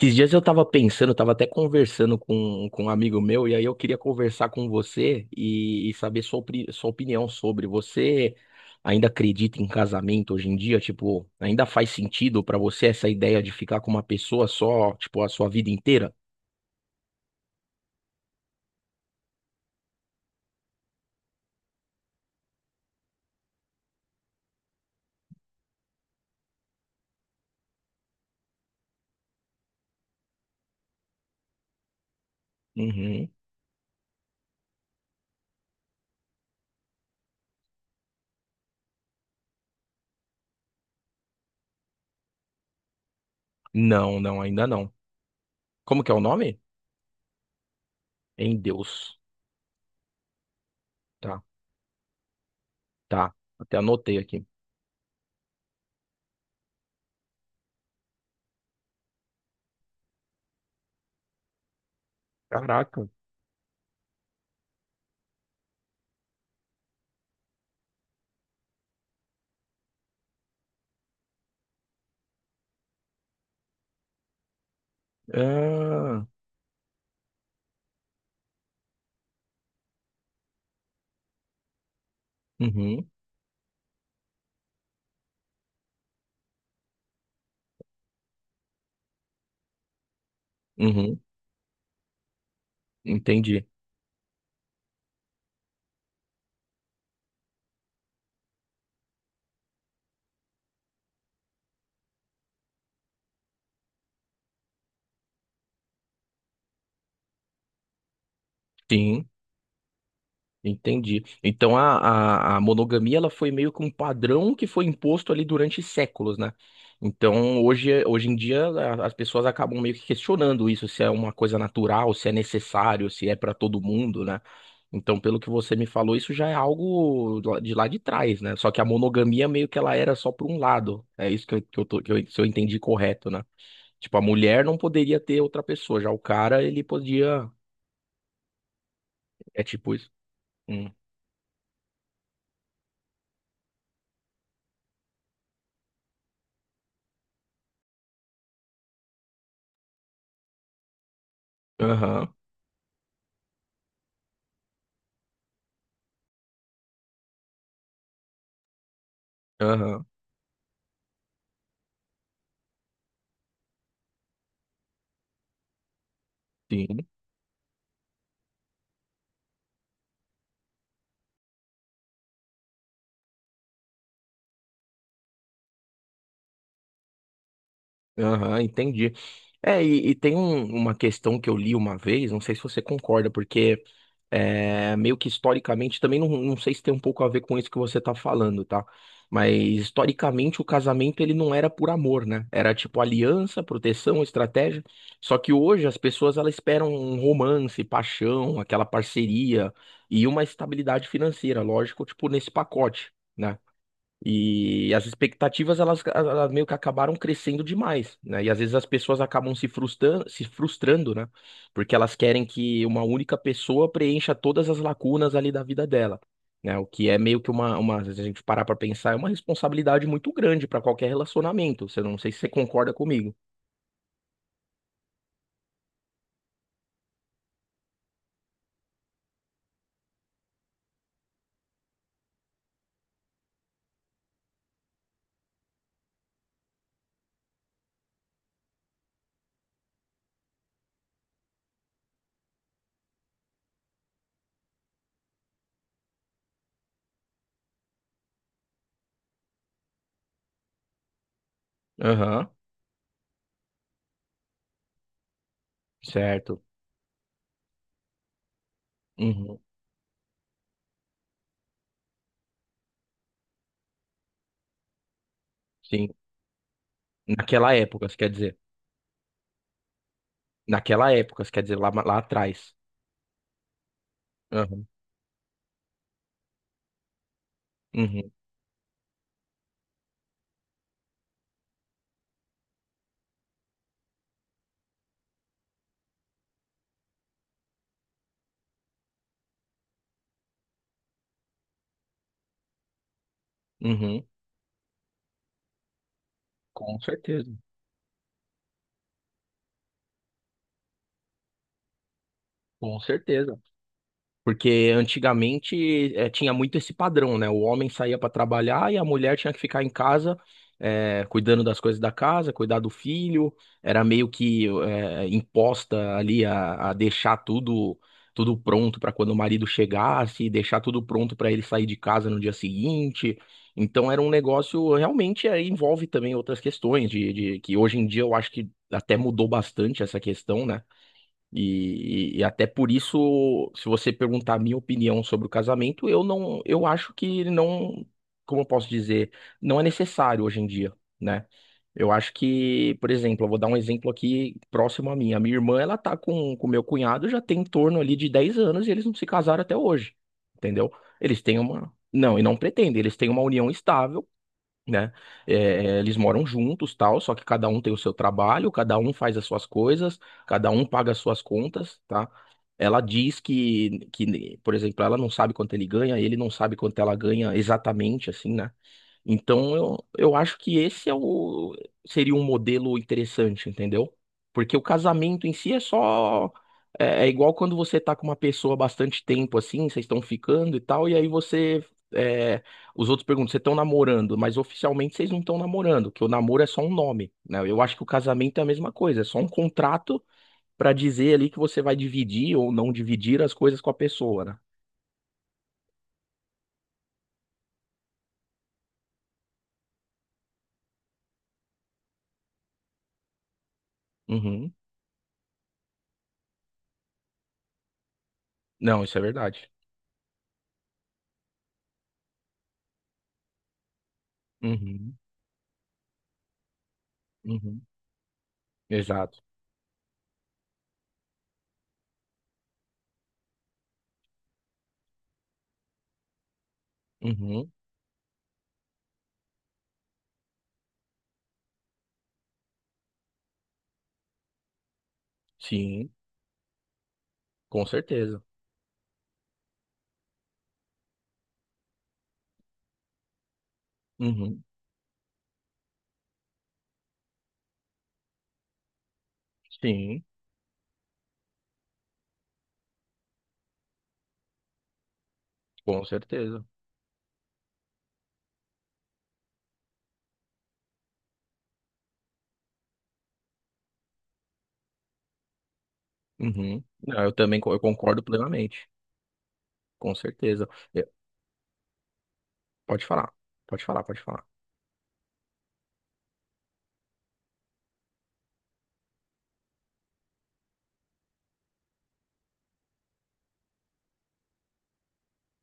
Esses dias eu tava pensando, eu tava até conversando com um amigo meu, e aí eu queria conversar com você e saber sua opinião sobre. Você ainda acredita em casamento hoje em dia? Tipo, ainda faz sentido pra você essa ideia de ficar com uma pessoa só, tipo, a sua vida inteira? Uhum. Não, não, ainda não. Como que é o nome? Em Deus. Tá, tá. Até anotei aqui. Caraca. Ah, uhum, uhum, entendi. Sim. Entendi. Então a monogamia ela foi meio que um padrão que foi imposto ali durante séculos, né? Então hoje em dia as pessoas acabam meio que questionando isso, se é uma coisa natural, se é necessário, se é para todo mundo, né? Então, pelo que você me falou, isso já é algo de lá de trás, né? Só que a monogamia meio que ela era só por um lado. É isso, que eu tô- que eu- se eu entendi correto, né? Tipo, a mulher não poderia ter outra pessoa, já o cara ele podia. É tipo isso. Hum. Aham, aham. Sim. Aham, entendi. É, e tem uma questão que eu li uma vez, não sei se você concorda, porque é, meio que historicamente, também não, não sei se tem um pouco a ver com isso que você tá falando, tá? Mas historicamente o casamento ele não era por amor, né? Era tipo aliança, proteção, estratégia. Só que hoje as pessoas elas esperam um romance, paixão, aquela parceria e uma estabilidade financeira, lógico, tipo nesse pacote. Né? E as expectativas, elas meio que acabaram crescendo demais, né? E às vezes as pessoas acabam se frustrando, se frustrando, né? Porque elas querem que uma única pessoa preencha todas as lacunas ali da vida dela, né? O que é meio que se a gente parar pra pensar, é uma responsabilidade muito grande pra qualquer relacionamento. Você Não sei se você concorda comigo. Aham, certo. Uhum, sim. Naquela época, você quer dizer. Naquela época, você quer dizer, lá atrás. Aham, uhum, uhum. Com certeza, com certeza. Porque antigamente tinha muito esse padrão, né? O homem saía para trabalhar e a mulher tinha que ficar em casa, cuidando das coisas da casa, cuidar do filho. Era meio que imposta ali a deixar tudo pronto para quando o marido chegasse, deixar tudo pronto para ele sair de casa no dia seguinte. Então era um negócio realmente envolve também outras questões de que hoje em dia eu acho que até mudou bastante essa questão, né? E até por isso, se você perguntar a minha opinião sobre o casamento, eu não, eu acho que não, como eu posso dizer, não é necessário hoje em dia, né? Eu acho que, por exemplo, eu vou dar um exemplo aqui próximo a mim. A minha irmã, ela tá com meu cunhado já tem em torno ali de 10 anos e eles não se casaram até hoje, entendeu? Eles têm uma, não, e não pretendem, eles têm uma união estável, né? É, é, eles moram juntos, tal, só que cada um tem o seu trabalho, cada um faz as suas coisas, cada um paga as suas contas, tá? Ela diz que, por exemplo, ela não sabe quanto ele ganha, ele não sabe quanto ela ganha exatamente, assim, né? Então eu acho que esse seria um modelo interessante, entendeu? Porque o casamento em si é só. É, é igual quando você tá com uma pessoa bastante tempo assim, vocês estão ficando e tal, e aí você. É, os outros perguntam, vocês estão namorando, mas oficialmente vocês não estão namorando, que o namoro é só um nome, né? Eu acho que o casamento é a mesma coisa, é só um contrato pra dizer ali que você vai dividir ou não dividir as coisas com a pessoa, né? Uhum. Não, isso é verdade. Uhum. Uhum. Exato. Uhum. Sim, com certeza. Uhum. Sim, com certeza. Uhum. Não, eu também co- eu concordo plenamente. Com certeza. É, pode falar. Pode falar, pode falar.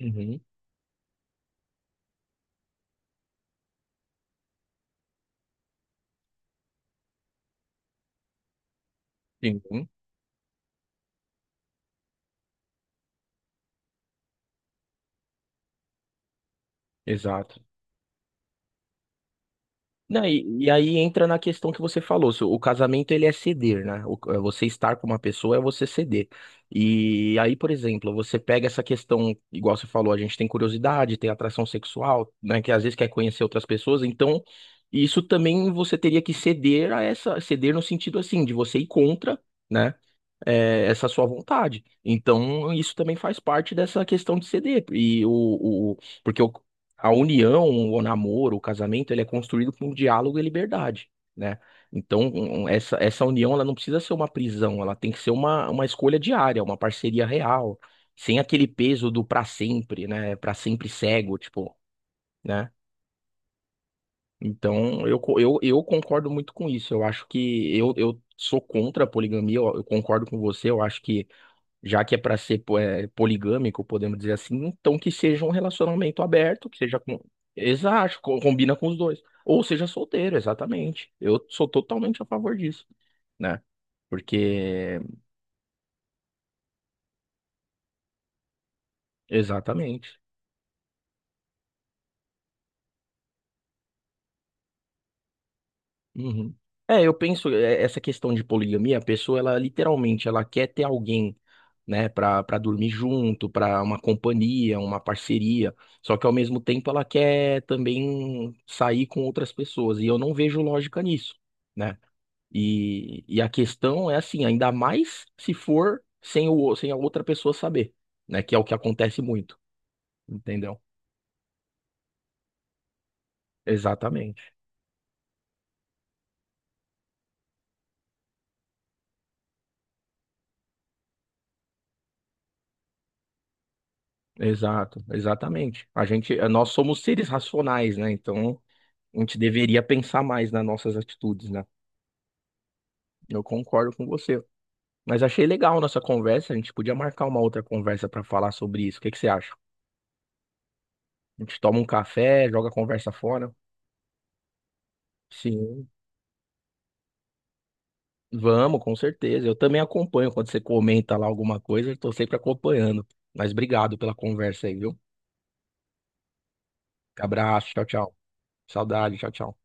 Uhum. Sim, exato. Não, e aí entra na questão que você falou, se o casamento ele é ceder, né? É você estar com uma pessoa é você ceder. E aí, por exemplo, você pega essa questão, igual você falou, a gente tem curiosidade, tem atração sexual, né? Que às vezes quer conhecer outras pessoas, então isso também você teria que ceder a essa, ceder no sentido assim, de você ir contra, né? É, essa sua vontade. Então, isso também faz parte dessa questão de ceder. E porque o- a união, o namoro, o casamento, ele é construído com diálogo e liberdade, né? Então, essa união, ela não precisa ser uma prisão, ela tem que ser uma, escolha diária, uma parceria real, sem aquele peso do pra sempre, né? Pra sempre cego, tipo, né? Então, eu concordo muito com isso. Eu acho que eu sou contra a poligamia, eu concordo com você, eu acho que já que é para ser poligâmico, podemos dizer assim, então que seja um relacionamento aberto, que seja com. Exato, combina com os dois. Ou seja solteiro, exatamente. Eu sou totalmente a favor disso, né? Porque. Exatamente. Uhum. É, eu penso, é, essa questão de poligamia, a pessoa, ela literalmente, ela quer ter alguém. Né, para dormir junto, para uma companhia, uma parceria. Só que ao mesmo tempo ela quer também sair com outras pessoas e eu não vejo lógica nisso, né? E a questão é assim, ainda mais se for sem a outra pessoa saber, né, que é o que acontece muito, entendeu? Exatamente. Exato, exatamente. Nós somos seres racionais, né? Então, a gente deveria pensar mais nas nossas atitudes, né? Eu concordo com você. Mas achei legal a nossa conversa. A gente podia marcar uma outra conversa para falar sobre isso. O que que você acha? A gente toma um café, joga a conversa fora. Sim, vamos, com certeza. Eu também acompanho quando você comenta lá alguma coisa, eu tô sempre acompanhando. Mas obrigado pela conversa aí, viu? Abraço, tchau, tchau. Saudade, tchau, tchau.